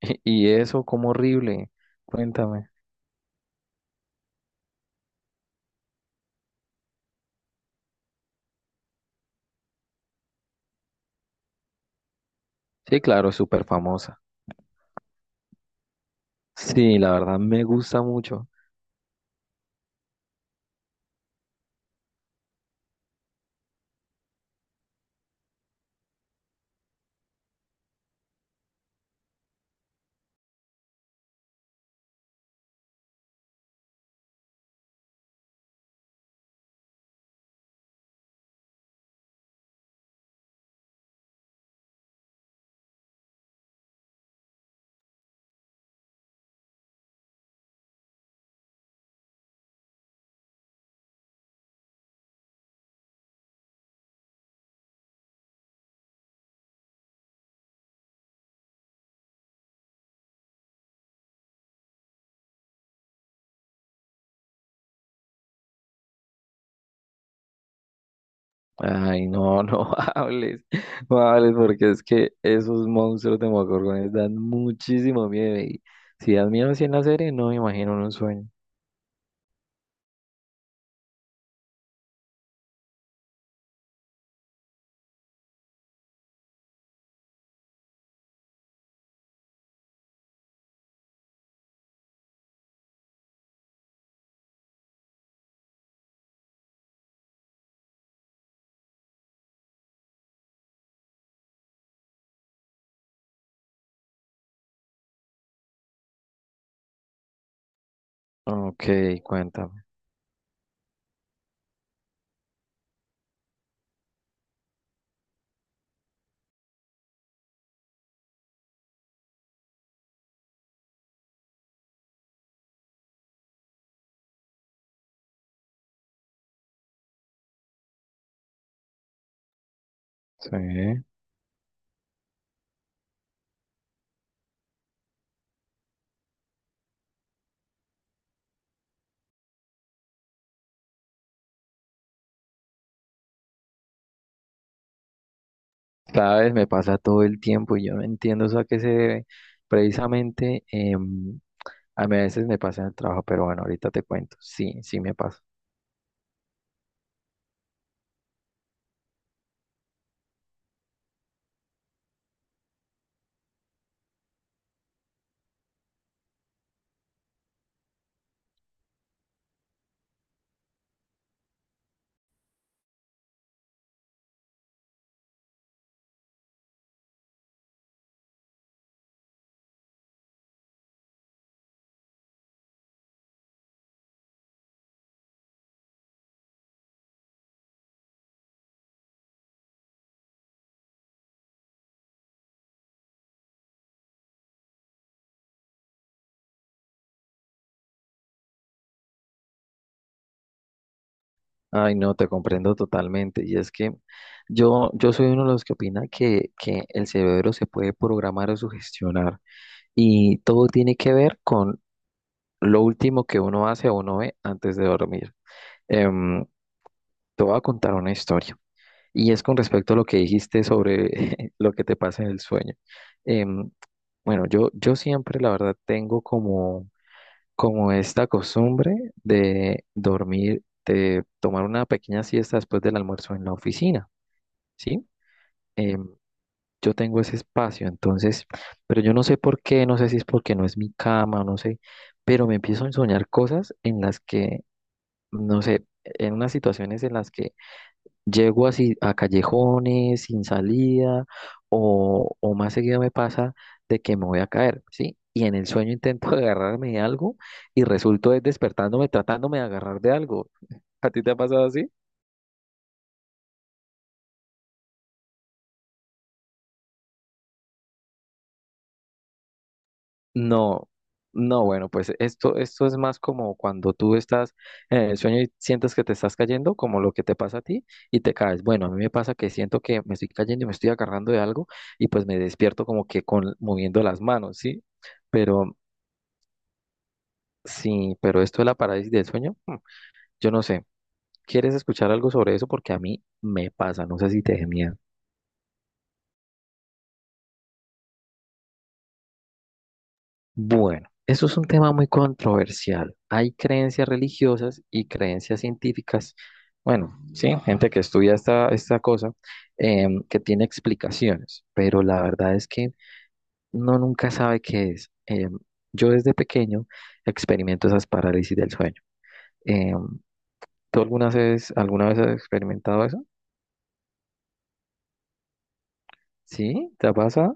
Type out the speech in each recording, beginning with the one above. Y eso, como horrible. Cuéntame. Sí, claro, es súper famosa. Sí, la verdad me gusta mucho. Ay, no, no hables, no hables, porque es que esos monstruos de Mogorgones dan muchísimo miedo. Y si dan miedo así en la serie, no me imagino en un sueño. Ok, cuéntame. Sí. Sabes, me pasa todo el tiempo y yo no entiendo eso a qué se debe. Precisamente, a mí a veces me pasa en el trabajo, pero bueno, ahorita te cuento. Sí, sí me pasa. Ay, no, te comprendo totalmente. Y es que yo soy uno de los que opina que el cerebro se puede programar o sugestionar y todo tiene que ver con lo último que uno hace o uno ve antes de dormir. Em, Te voy a contar una historia y es con respecto a lo que dijiste sobre lo que te pasa en el sueño. Em, bueno, yo siempre, la verdad, tengo como esta costumbre de dormir, de tomar una pequeña siesta después del almuerzo en la oficina, ¿sí? Em, yo tengo ese espacio, entonces, pero yo no sé por qué, no sé si es porque no es mi cama, no sé, pero me empiezo a soñar cosas en las que, no sé, en unas situaciones en las que llego así a callejones sin salida o más seguido me pasa de que me voy a caer, ¿sí? Y en el sueño intento agarrarme de algo y resulto es despertándome tratándome de agarrar de algo. ¿A ti te ha pasado así? No, no, bueno, pues esto es más como cuando tú estás en el sueño y sientes que te estás cayendo, como lo que te pasa a ti y te caes. Bueno, a mí me pasa que siento que me estoy cayendo y me estoy agarrando de algo y pues me despierto como que con moviendo las manos, ¿sí? Pero sí, pero esto de la parálisis del sueño, yo no sé. ¿Quieres escuchar algo sobre eso? Porque a mí me pasa, no sé si te dé miedo. Bueno, eso es un tema muy controversial. Hay creencias religiosas y creencias científicas. Bueno, sí, gente que estudia esta cosa, que tiene explicaciones, pero la verdad es que no nunca sabe qué es. Yo desde pequeño experimento esas parálisis del sueño. Em, ¿Tú alguna vez has experimentado eso? ¿Sí? ¿Te pasa?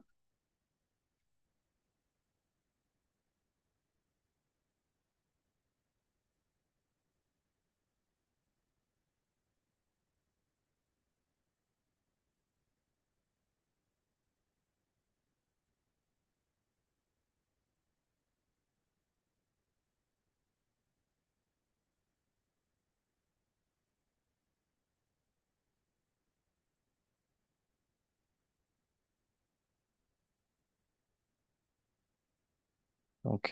Ok,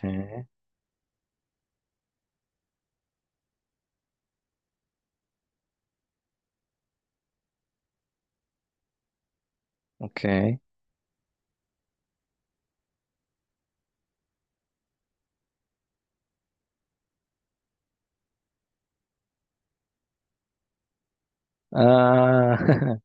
ok. Ah,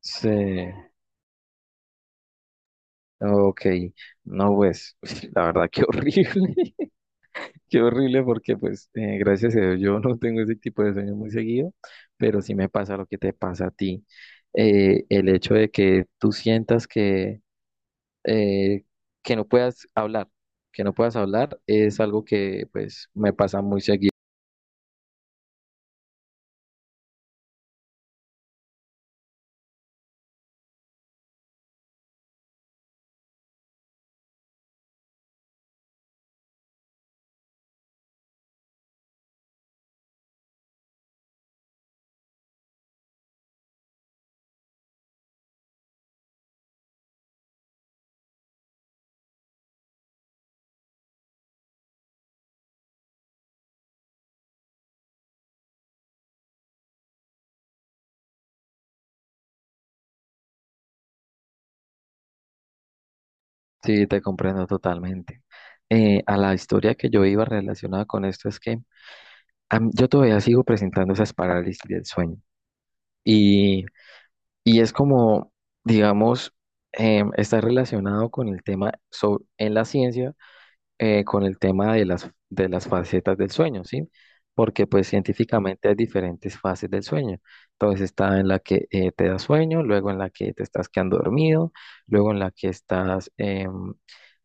sí. Ok. No, pues, la verdad, qué horrible. Qué horrible porque, pues, gracias a Dios, yo no tengo ese tipo de sueños muy seguido, pero sí me pasa lo que te pasa a ti. El hecho de que tú sientas eh, que no puedas hablar, que no puedas hablar, es algo que, pues, me pasa muy seguido. Sí, te comprendo totalmente. A la historia que yo iba relacionada con esto es que a mí- yo todavía sigo presentando esas parálisis del sueño y, y es como, digamos, está relacionado con el tema so- en la ciencia, con el tema de las facetas del sueño, ¿sí? Porque pues científicamente hay diferentes fases del sueño. Entonces está en la que te da sueño, luego en la que te estás quedando dormido, luego en la que estás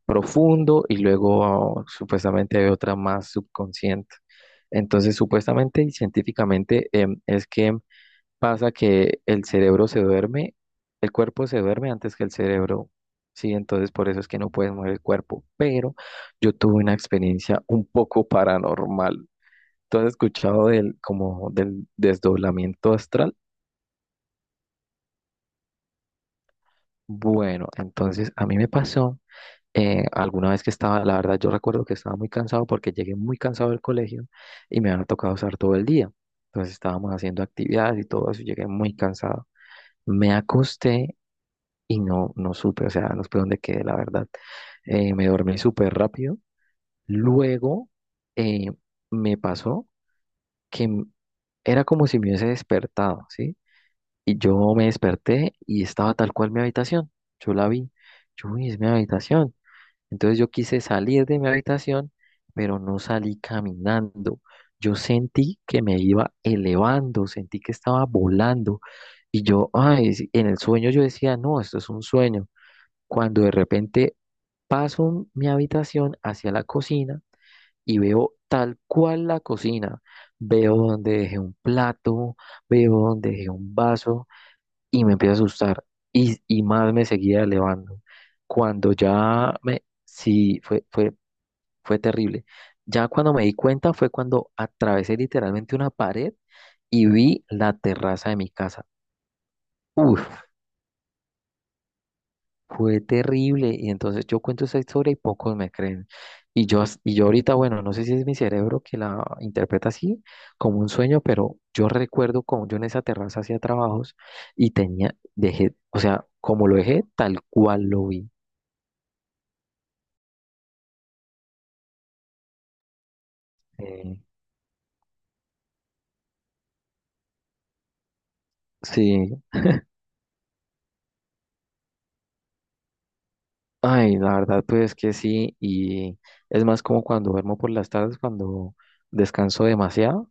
profundo y luego supuestamente hay otra más subconsciente. Entonces, supuestamente y científicamente es que pasa que el cerebro se duerme, el cuerpo se duerme antes que el cerebro. Sí, entonces por eso es que no puedes mover el cuerpo. Pero yo tuve una experiencia un poco paranormal. ¿Tú has escuchado del, como del desdoblamiento astral? Bueno, entonces a mí me pasó alguna vez que estaba, la verdad yo recuerdo que estaba muy cansado porque llegué muy cansado del colegio y me había tocado usar todo el día. Entonces estábamos haciendo actividades y todo eso y llegué muy cansado. Me acosté y no, no supe, o sea, no supe dónde quedé, la verdad. Me dormí súper rápido. Luego eh, me pasó que era como si me hubiese despertado, ¿sí? Y yo me desperté y estaba tal cual mi habitación. Yo la vi. Yo, uy, es mi habitación. Entonces yo quise salir de mi habitación, pero no salí caminando. Yo sentí que me iba elevando, sentí que estaba volando. Y yo, ay, sí, en el sueño yo decía, no, esto es un sueño. Cuando de repente paso mi habitación hacia la cocina y veo tal cual la cocina. Veo donde dejé un plato, veo donde dejé un vaso y me empecé a asustar y más me seguía elevando. Cuando ya me, sí, fue terrible. Ya cuando me di cuenta fue cuando atravesé literalmente una pared y vi la terraza de mi casa. Uf, fue terrible. Y entonces yo cuento esa historia y pocos me creen. Y yo, as- y yo ahorita, bueno, no sé si es mi cerebro que la interpreta así, como un sueño, pero yo recuerdo como yo en esa terraza hacía trabajos y tenía, dejé, o sea, como lo dejé, tal cual lo vi. Eh, sí, ay, la verdad, pues que sí, y es más como cuando duermo por las tardes, cuando descanso demasiado,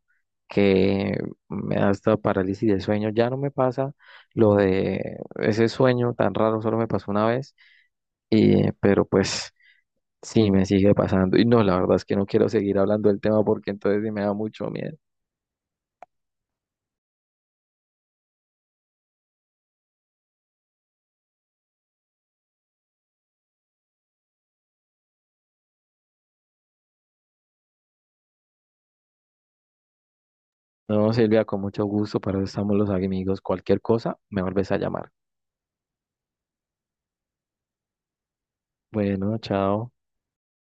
que me da hasta parálisis del sueño, ya no me pasa lo de ese sueño tan raro, solo me pasó una vez, y, pero pues sí, me sigue pasando, y no, la verdad es que no quiero seguir hablando del tema porque entonces sí me da mucho miedo. No, Silvia, con mucho gusto, para eso estamos los amigos, cualquier cosa, me vuelves a llamar. Bueno, chao.